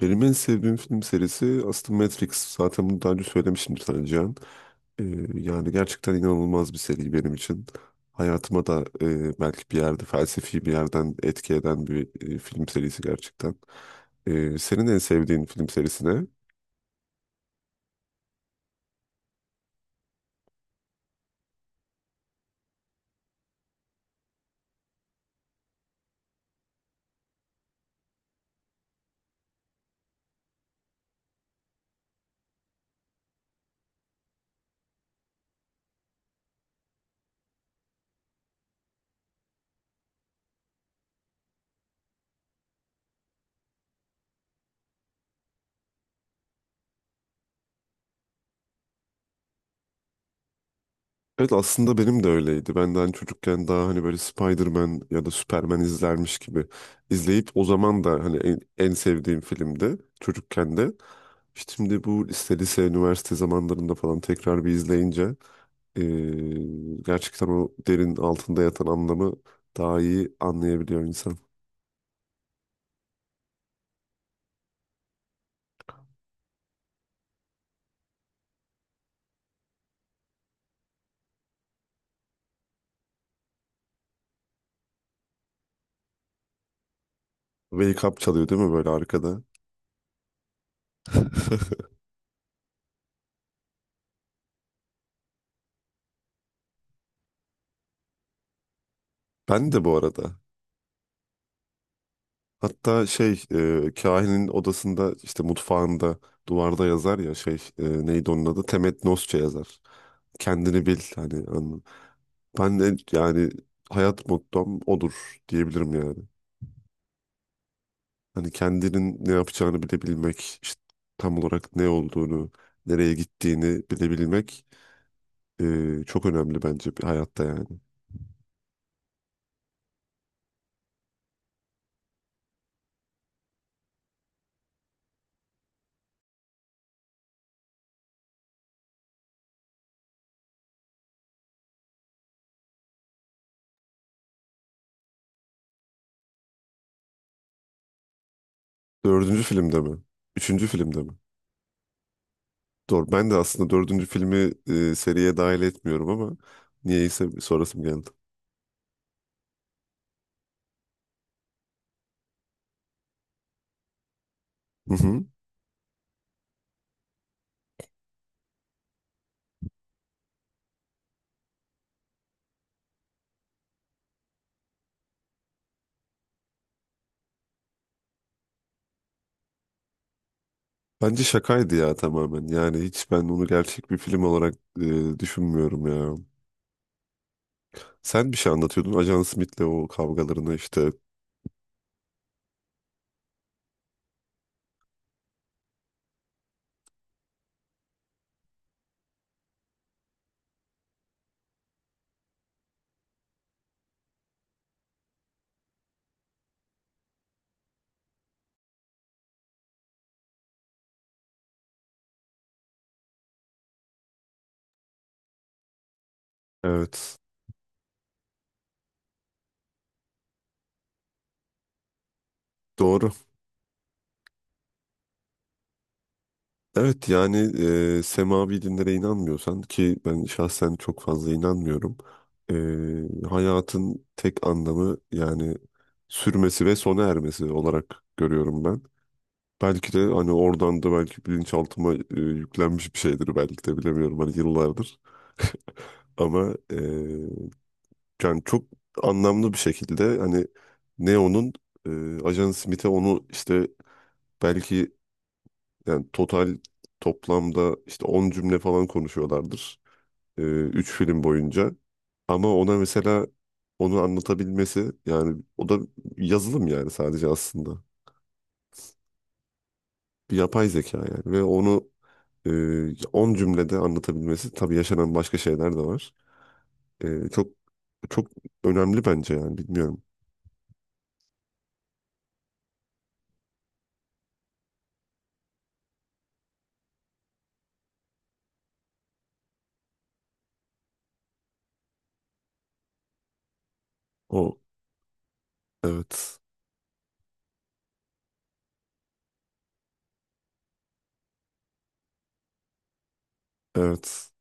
Benim en sevdiğim film serisi aslında Matrix. Zaten bunu daha önce söylemişimdir sana Cihan. Ee, yani gerçekten inanılmaz bir seri benim için. Hayatıma da belki bir yerde felsefi bir yerden etki eden bir film serisi gerçekten. Senin en sevdiğin film serisi ne? Evet aslında benim de öyleydi. Ben de hani çocukken daha hani böyle Spider-Man ya da Superman izlermiş gibi izleyip o zaman da hani en sevdiğim filmdi çocukken de. Şimdi bu lise, üniversite zamanlarında falan tekrar bir izleyince gerçekten o derin altında yatan anlamı daha iyi anlayabiliyor insan. Wake Up çalıyor değil mi böyle arkada? Ben de bu arada. Hatta kahinin odasında işte mutfağında duvarda yazar ya neydi onun adı? Temet Nosça yazar. Kendini bil hani. Anla. Ben de yani hayat mottom odur diyebilirim yani. Hani kendinin ne yapacağını bilebilmek, işte tam olarak ne olduğunu, nereye gittiğini bilebilmek çok önemli bence bir hayatta yani. Dördüncü filmde mi? Üçüncü filmde mi? Doğru. Ben de aslında dördüncü filmi seriye dahil etmiyorum ama niyeyse bir sorasım geldi. Hı hı. Bence şakaydı ya tamamen. Yani hiç ben onu gerçek bir film olarak düşünmüyorum ya. Sen bir şey anlatıyordun. Ajan Smith'le o kavgalarını işte. Evet. Doğru. Evet yani semavi dinlere inanmıyorsan ki ben şahsen çok fazla inanmıyorum. Hayatın tek anlamı yani sürmesi ve sona ermesi olarak görüyorum ben. Belki de hani oradan da belki bilinçaltıma yüklenmiş bir şeydir belki de bilemiyorum hani yıllardır. Ama yani çok anlamlı bir şekilde hani Neo'nun e, Ajan Smith'e onu işte belki yani total toplamda işte 10 cümle falan konuşuyorlardır. Üç film boyunca. Ama ona mesela onu anlatabilmesi yani o da yazılım yani sadece aslında. Bir yapay zeka yani ve onu e, 10 cümlede anlatabilmesi tabii yaşanan başka şeyler de var. Çok çok önemli bence yani bilmiyorum. O evet. Evet.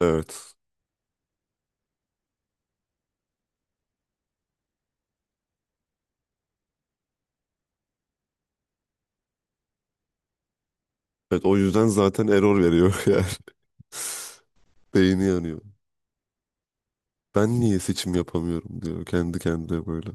Evet. Evet o yüzden zaten error veriyor yani. Beyni yanıyor. Ben niye seçim yapamıyorum diyor kendi kendine böyle.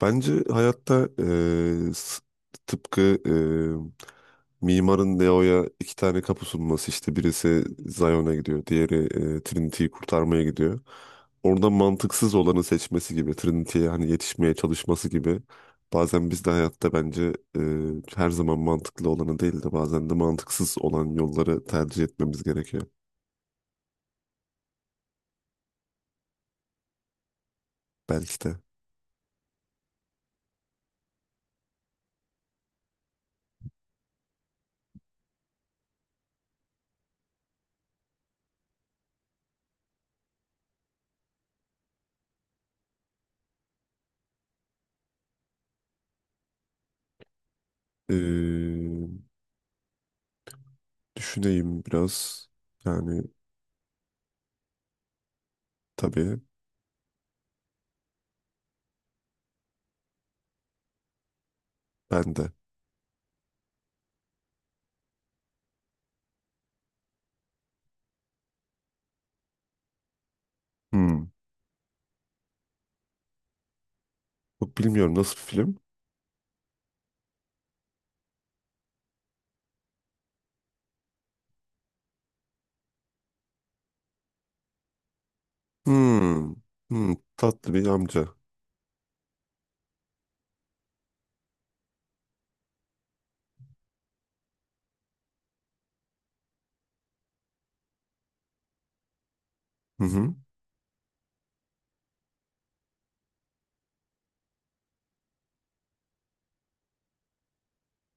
Bence hayatta tıpkı eee, mimarın Neo'ya iki tane kapı sunması işte birisi Zion'a gidiyor, diğeri Trinity'yi kurtarmaya gidiyor. Orada mantıksız olanı seçmesi gibi, Trinity'ye hani yetişmeye çalışması gibi. Bazen biz de hayatta bence her zaman mantıklı olanı değil de bazen de mantıksız olan yolları tercih etmemiz gerekiyor. Belki de. Eee, düşüneyim biraz. Yani tabii ben de. Hmm. Yok, bilmiyorum nasıl bir film. Hmm. Hmm. Tatlı bir amca. Hı hı.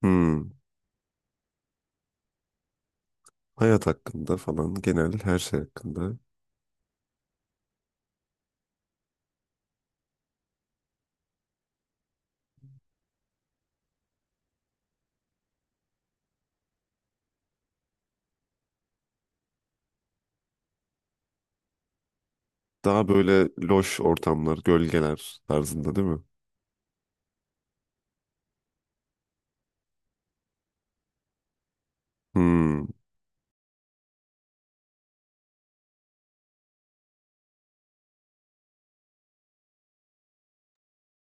Hmm. Hayat hakkında falan genel her şey hakkında. Daha böyle loş ortamlar, gölgeler tarzında değil mi? Hmm.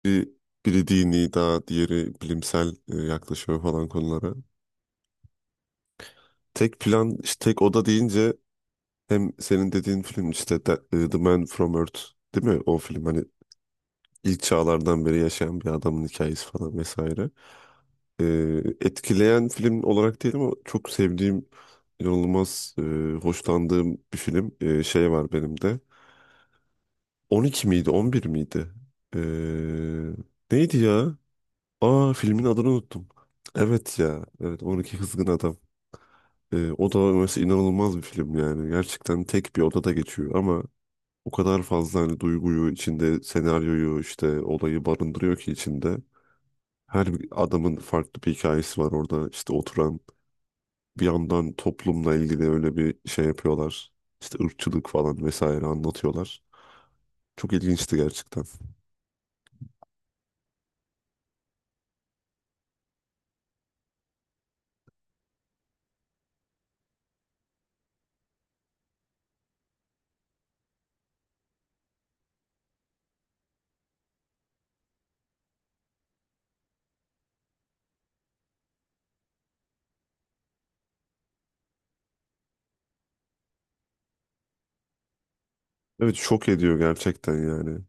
Bir, biri dini daha diğeri bilimsel yaklaşıyor falan konulara. Tek plan, işte tek oda deyince hem senin dediğin film işte The Man From Earth değil mi? O film hani ilk çağlardan beri yaşayan bir adamın hikayesi falan vesaire. e, etkileyen film olarak değil ama çok sevdiğim, inanılmaz hoşlandığım bir film şey var benim de. 12 miydi, 11 miydi? E, neydi ya? Aa filmin adını unuttum. Evet ya, evet 12 Kızgın Adam. O da mesela inanılmaz bir film yani. Gerçekten tek bir odada geçiyor ama o kadar fazla hani duyguyu içinde, senaryoyu işte olayı barındırıyor ki içinde. Her bir adamın farklı bir hikayesi var orada. İşte oturan bir yandan toplumla ilgili öyle bir şey yapıyorlar. İşte ırkçılık falan vesaire anlatıyorlar. Çok ilginçti gerçekten. Evet şok ediyor gerçekten yani.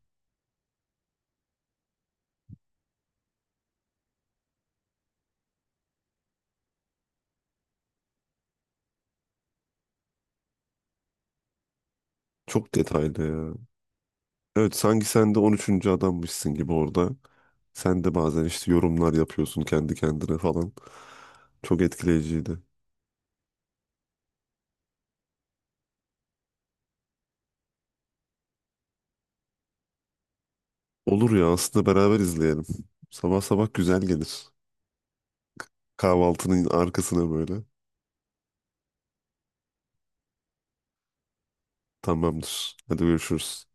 Çok detaylı ya. Evet sanki sen de on üçüncü adammışsın gibi orada. Sen de bazen işte yorumlar yapıyorsun kendi kendine falan. Çok etkileyiciydi. Olur ya aslında beraber izleyelim. Sabah sabah güzel gelir. Kahvaltının arkasına böyle. Tamamdır. Hadi görüşürüz.